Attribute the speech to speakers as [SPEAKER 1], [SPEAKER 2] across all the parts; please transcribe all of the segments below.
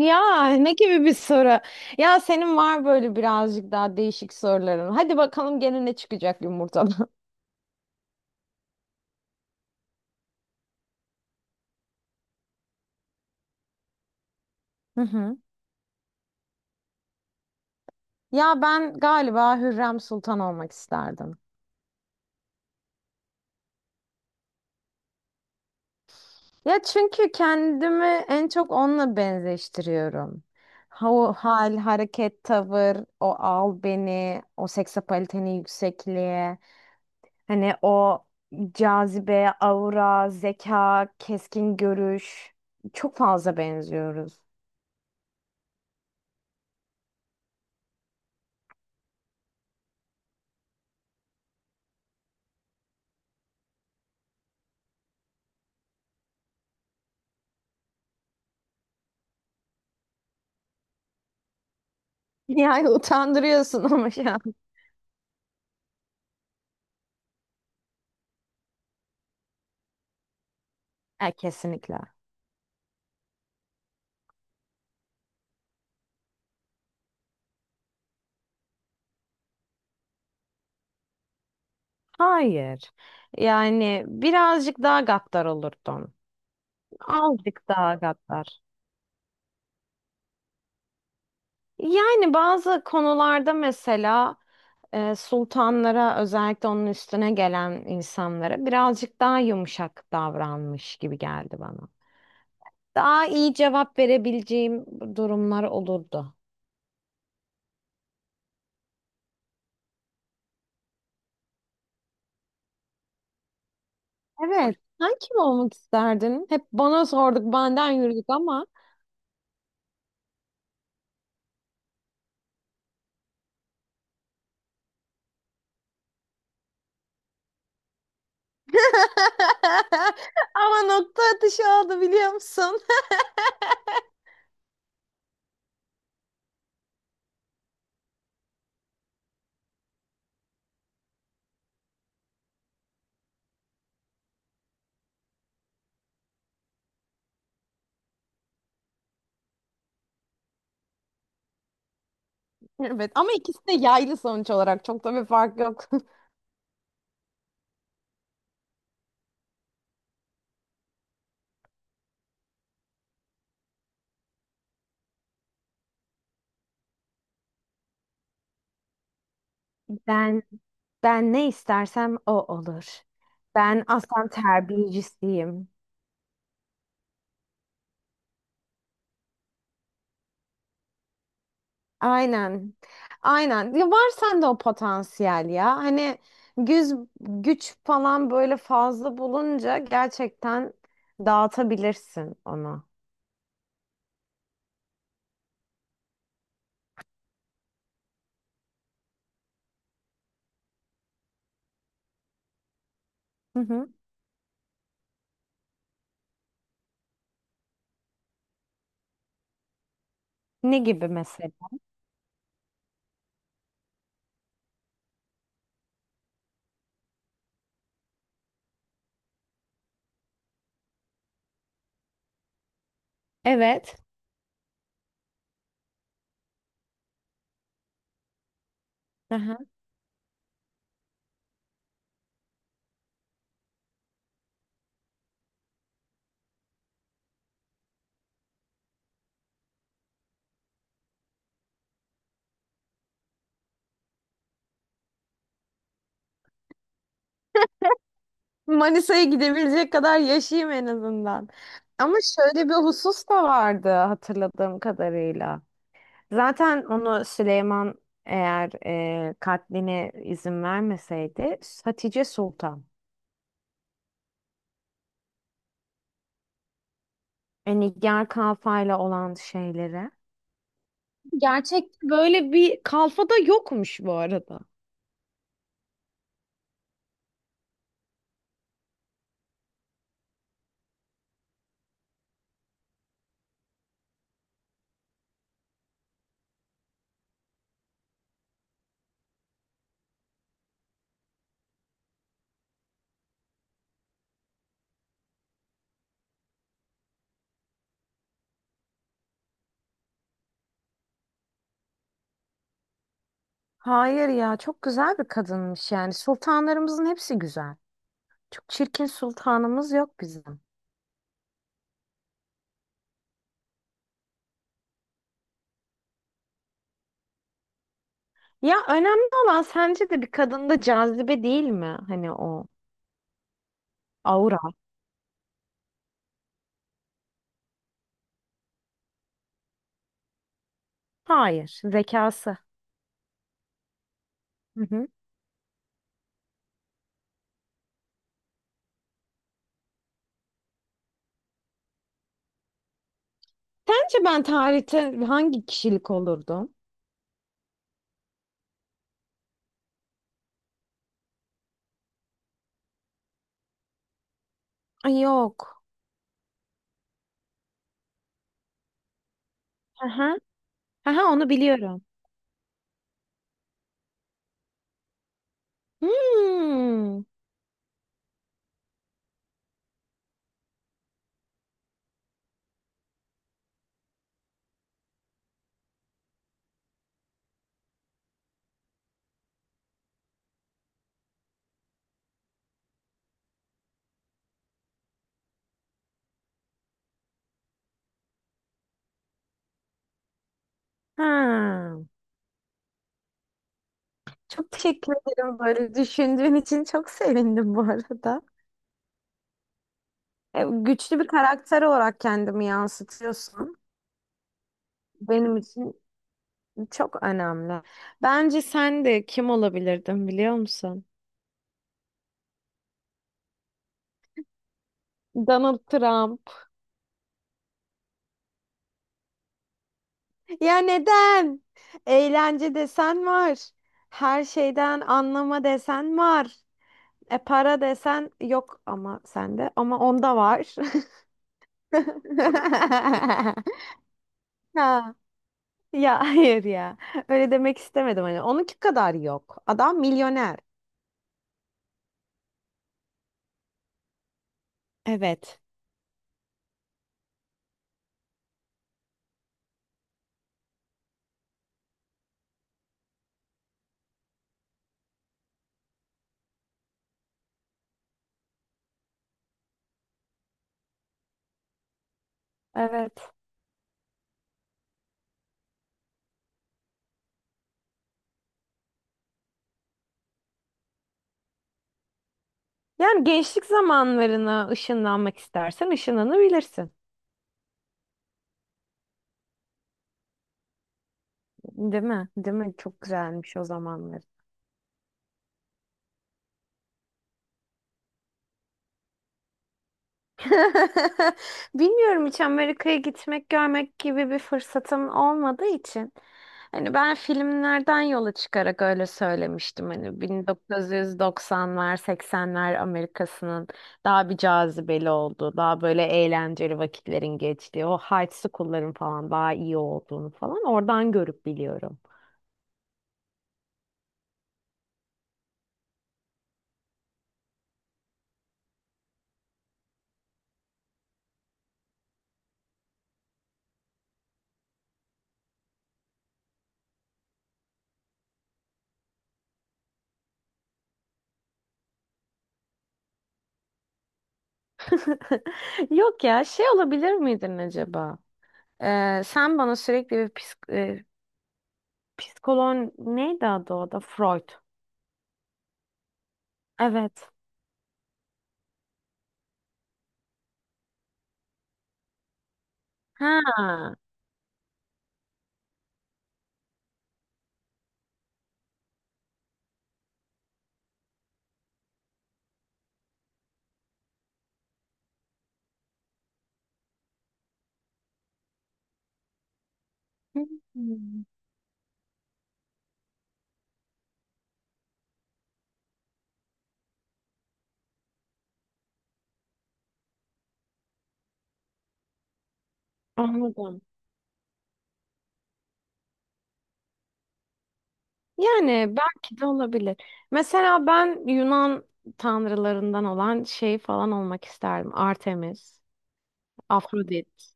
[SPEAKER 1] Ya ne gibi bir soru? Ya senin var böyle birazcık daha değişik soruların. Hadi bakalım gene ne çıkacak yumurtadan. Hı hı. Ya ben galiba Hürrem Sultan olmak isterdim. Ya çünkü kendimi en çok onunla benzeştiriyorum. O hal, hareket, tavır, o al beni, o seksapaliteni yüksekliğe, hani o cazibe, aura, zeka, keskin görüş çok fazla benziyoruz. Yani utandırıyorsun ama şu an. Kesinlikle. Hayır. Yani birazcık daha gaddar olurdum. Azıcık daha gaddar. Yani bazı konularda mesela sultanlara özellikle onun üstüne gelen insanlara birazcık daha yumuşak davranmış gibi geldi bana. Daha iyi cevap verebileceğim durumlar olurdu. Evet. Sen kim olmak isterdin? Hep bana sorduk, benden yürüdük ama. Ama nokta atışı oldu biliyor musun? Evet ama ikisi de yaylı sonuç olarak çok da bir fark yok. Ben ben ne istersem o olur. Ben aslan terbiyecisiyim. Aynen. Aynen. Ya var sende o potansiyel ya. Hani güz, güç falan böyle fazla bulunca gerçekten dağıtabilirsin onu. Hı hı. Ne gibi mesela? Evet. Manisa'ya gidebilecek kadar yaşayayım en azından. Ama şöyle bir husus da vardı hatırladığım kadarıyla. Zaten onu Süleyman eğer katline izin vermeseydi Hatice Sultan. E, Nigar Kalfa'yla olan şeylere. Gerçek böyle bir kalfa da yokmuş bu arada. Hayır ya çok güzel bir kadınmış yani. Sultanlarımızın hepsi güzel. Çok çirkin sultanımız yok bizim. Ya önemli olan sence de bir kadında cazibe değil mi? Hani o aura. Hayır, zekası. Hı hı. Sence ben tarihte hangi kişilik olurdum? Ay yok. Aha. Aha onu biliyorum. Hmm. Ha. Çok teşekkür ederim böyle düşündüğün için çok sevindim bu arada. Güçlü bir karakter olarak kendimi yansıtıyorsun. Benim için çok önemli. Bence sen de kim olabilirdin biliyor musun? Donald Trump. Ya neden? Eğlence desen var. Her şeyden anlama desen var. E para desen yok ama sende ama onda var. Ha, ya hayır ya. Öyle demek istemedim hani. Onunki kadar yok. Adam milyoner. Evet. Evet. Yani gençlik zamanlarına ışınlanmak istersen ışınlanabilirsin. Değil mi? Değil mi? Çok güzelmiş o zamanlar. Bilmiyorum hiç Amerika'ya gitmek, görmek gibi bir fırsatım olmadığı için. Hani ben filmlerden yola çıkarak öyle söylemiştim. Hani 1990'lar, 80'ler Amerika'sının daha bir cazibeli oldu. Daha böyle eğlenceli vakitlerin geçtiği. O high school'ların falan daha iyi olduğunu falan oradan görüp biliyorum. Yok ya şey olabilir miydin acaba? Sen bana sürekli bir psikolog neydi adı o da? Freud. Evet. Ha. Hmm, anladım. Yani belki de olabilir. Mesela ben Yunan tanrılarından olan şey falan olmak isterdim. Artemis, Afrodit.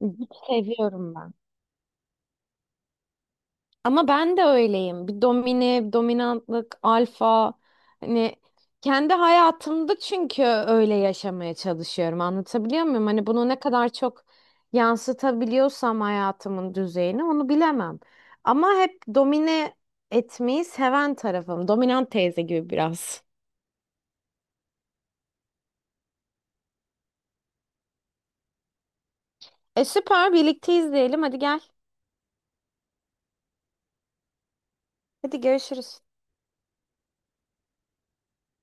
[SPEAKER 1] Git seviyorum ben. Ama ben de öyleyim. Bir dominantlık, alfa. Hani kendi hayatımda çünkü öyle yaşamaya çalışıyorum. Anlatabiliyor muyum? Hani bunu ne kadar çok yansıtabiliyorsam hayatımın düzeyini onu bilemem. Ama hep domine etmeyi seven tarafım. Dominant teyze gibi biraz. E süper birlikte izleyelim. Hadi gel. Hadi görüşürüz.